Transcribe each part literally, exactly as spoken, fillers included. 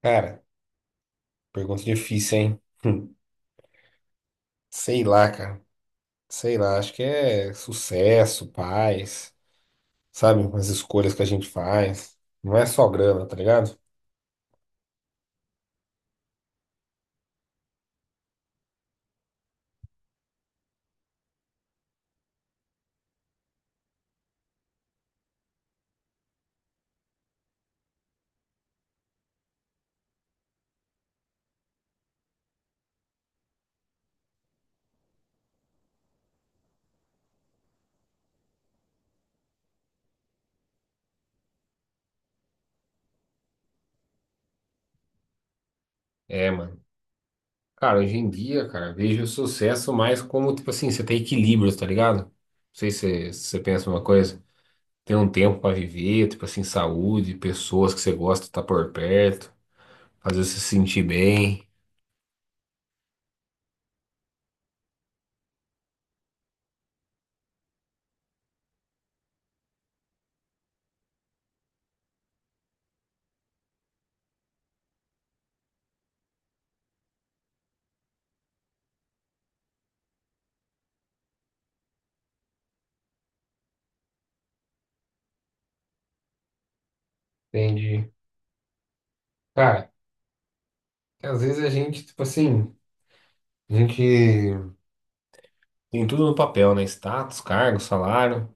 Cara, pergunta difícil, hein? Hum. Sei lá, cara. Sei lá, acho que é sucesso, paz, sabe? As escolhas que a gente faz. Não é só grana, tá ligado? É, mano. Cara, hoje em dia, cara, eu vejo o sucesso mais como, tipo assim, você tem equilíbrio, tá ligado? Não sei se você se você pensa uma coisa. Ter um tempo pra viver, tipo assim, saúde, pessoas que você gosta tá por perto, fazer você se sentir bem. Entendi. Cara, às vezes a gente, tipo assim, a gente tem tudo no papel, né? Status, cargo, salário,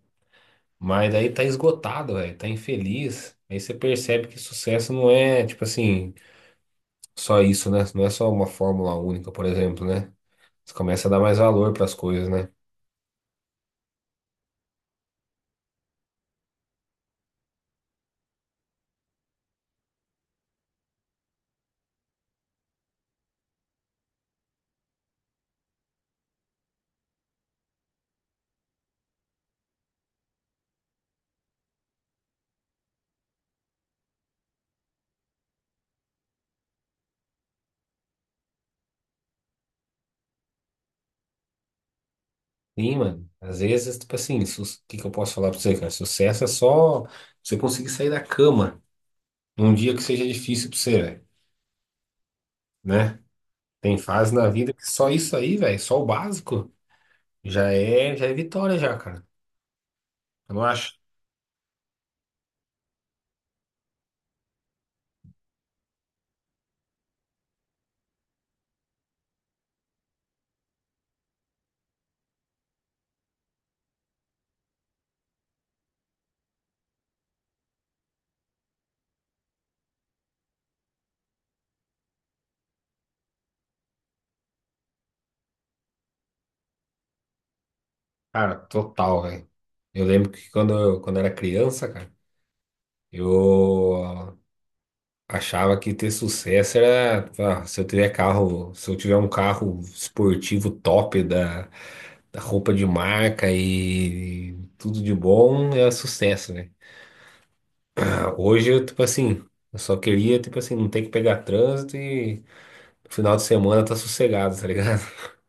mas daí tá esgotado, velho, tá infeliz. Aí você percebe que sucesso não é, tipo assim, só isso, né? Não é só uma fórmula única, por exemplo, né? Você começa a dar mais valor pras coisas, né? Sim, mano. Às vezes, tipo assim, o que que eu posso falar pra você, cara? Sucesso é só você conseguir sair da cama num dia que seja difícil pra você, velho, né? Tem fase na vida que só isso aí, velho, só o básico. Já é, já é vitória já, cara. Eu não acho. Cara, total, velho. Eu lembro que quando eu, quando eu era criança, cara, eu achava que ter sucesso era, ah, se eu tiver carro, se eu tiver um carro esportivo top da, da roupa de marca e tudo de bom, é sucesso, né? Ah, hoje, eu, tipo assim, eu só queria, tipo assim, não ter que pegar trânsito e no final de semana tá sossegado, tá ligado?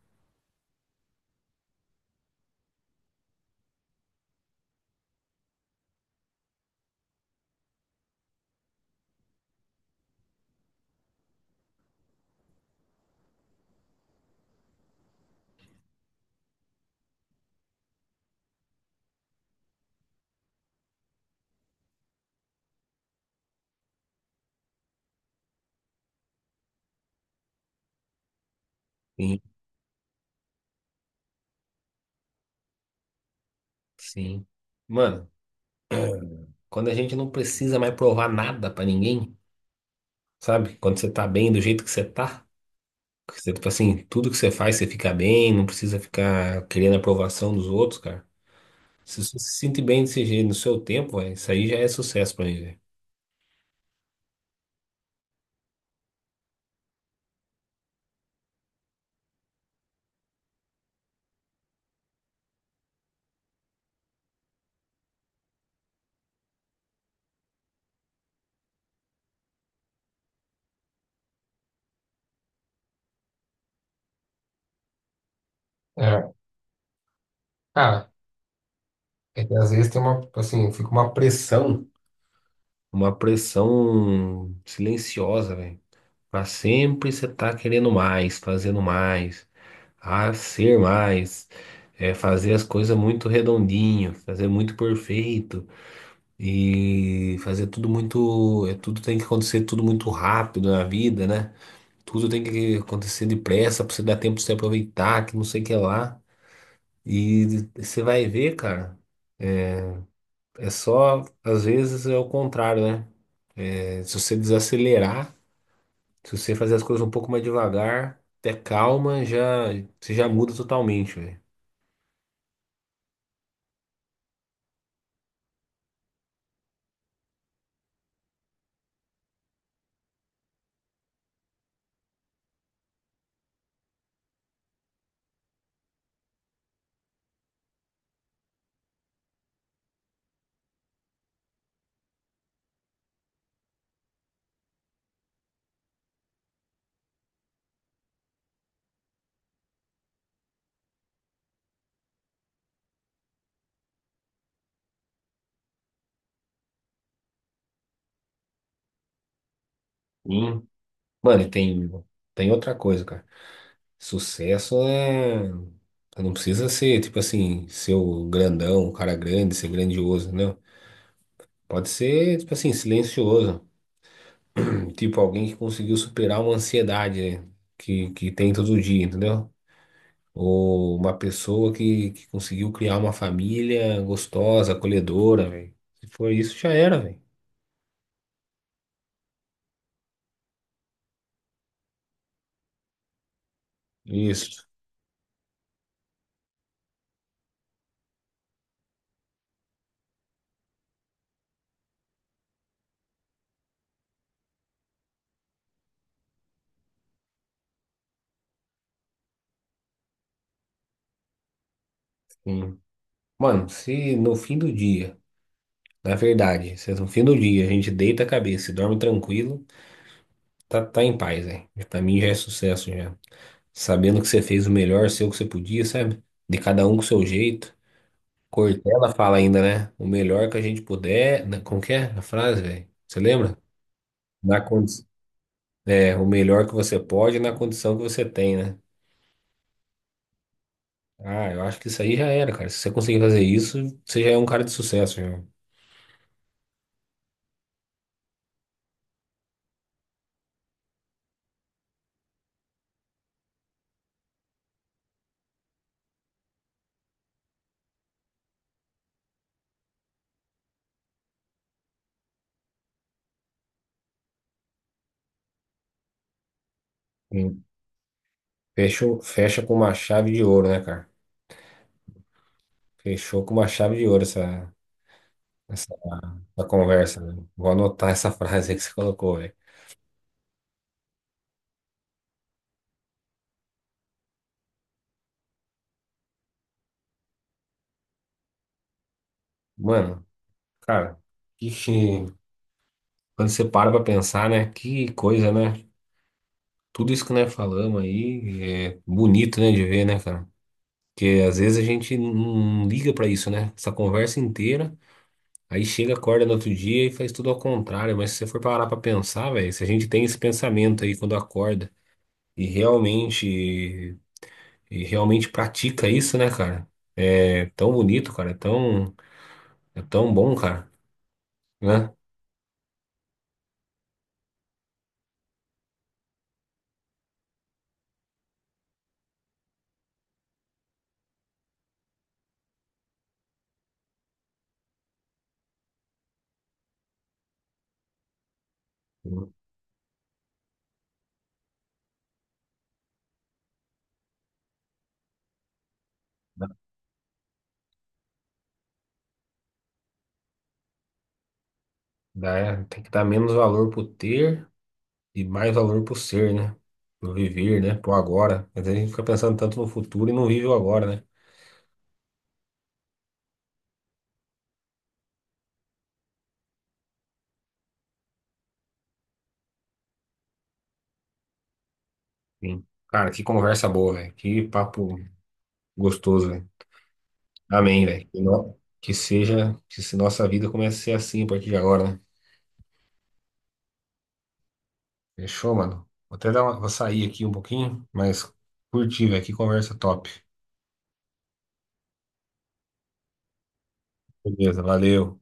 Sim, sim. Mano, quando a gente não precisa mais provar nada pra ninguém, sabe? Quando você tá bem do jeito que você tá, que você, tipo assim, tudo que você faz você fica bem, não precisa ficar querendo a aprovação dos outros, cara. Se você se sente bem desse jeito no seu tempo, véi, isso aí já é sucesso pra mim, velho. É. Cara, é que às vezes tem uma, assim, fica uma pressão. Uma pressão silenciosa, velho. Pra sempre você tá querendo mais, fazendo mais, a ser mais, é, fazer as coisas muito redondinho, fazer muito perfeito e fazer tudo muito, é, tudo tem que acontecer tudo muito rápido na vida, né? Tudo tem que acontecer depressa para você dar tempo de se aproveitar, que não sei o que lá. E você vai ver, cara, é só, às vezes é o contrário, né? É, se você desacelerar, se você fazer as coisas um pouco mais devagar, ter calma, já, você já muda totalmente, velho. Mano, e tem, tem outra coisa, cara. Sucesso é. Você não precisa ser, tipo assim, ser o grandão, o cara grande, ser grandioso, não. Pode ser, tipo assim, silencioso. Tipo alguém que conseguiu superar uma ansiedade, né? que, que tem todo dia, entendeu? Ou uma pessoa que, que conseguiu criar uma família gostosa, acolhedora, velho. Se for isso, já era, velho. Isso. Hum. Mano, se no fim do dia. Na verdade, cê- no fim do dia, a gente deita a cabeça e dorme tranquilo, tá, tá em paz, velho. Pra mim já é sucesso já. Sabendo que você fez o melhor seu que você podia, sabe? De cada um com o seu jeito. Cortella fala ainda, né? O melhor que a gente puder. na- Como que é a frase, velho? Você lembra? Na condi... É, o melhor que você pode na condição que você tem, né? Ah, eu acho que isso aí já era, cara. Se você conseguir fazer isso, você já é um cara de sucesso, já. Sim. Fechou, fecha com uma chave de ouro, né, cara? Fechou com uma chave de ouro essa. Essa, essa conversa, né? Vou anotar essa frase aí que você colocou, velho. Mano, cara, que, que- quando você para pra pensar, né? Que coisa, né? Tudo isso que nós falamos aí é bonito, né, de ver, né, cara? Porque às vezes a gente não liga pra isso, né? Essa conversa inteira, aí chega, acorda no outro dia e faz tudo ao contrário. Mas se você for parar pra pensar, velho, se a gente tem esse pensamento aí quando acorda e realmente, e realmente pratica isso, né, cara? É tão bonito, cara, é tão. É tão bom, cara, né? Dá- dá- Tem que dar menos valor pro ter e mais valor pro ser, né? Pro viver, né? Pro agora. Mas a gente fica pensando tanto no futuro e não vive o agora, né? Sim. Cara, que conversa boa, velho. Que papo gostoso, velho. Amém, velho. Que, no- que seja, que se nossa vida comece a ser assim a partir de agora, né? Fechou, mano? Vou até dar uma, vou sair aqui um pouquinho, mas curti, velho. Que conversa top. Beleza, valeu.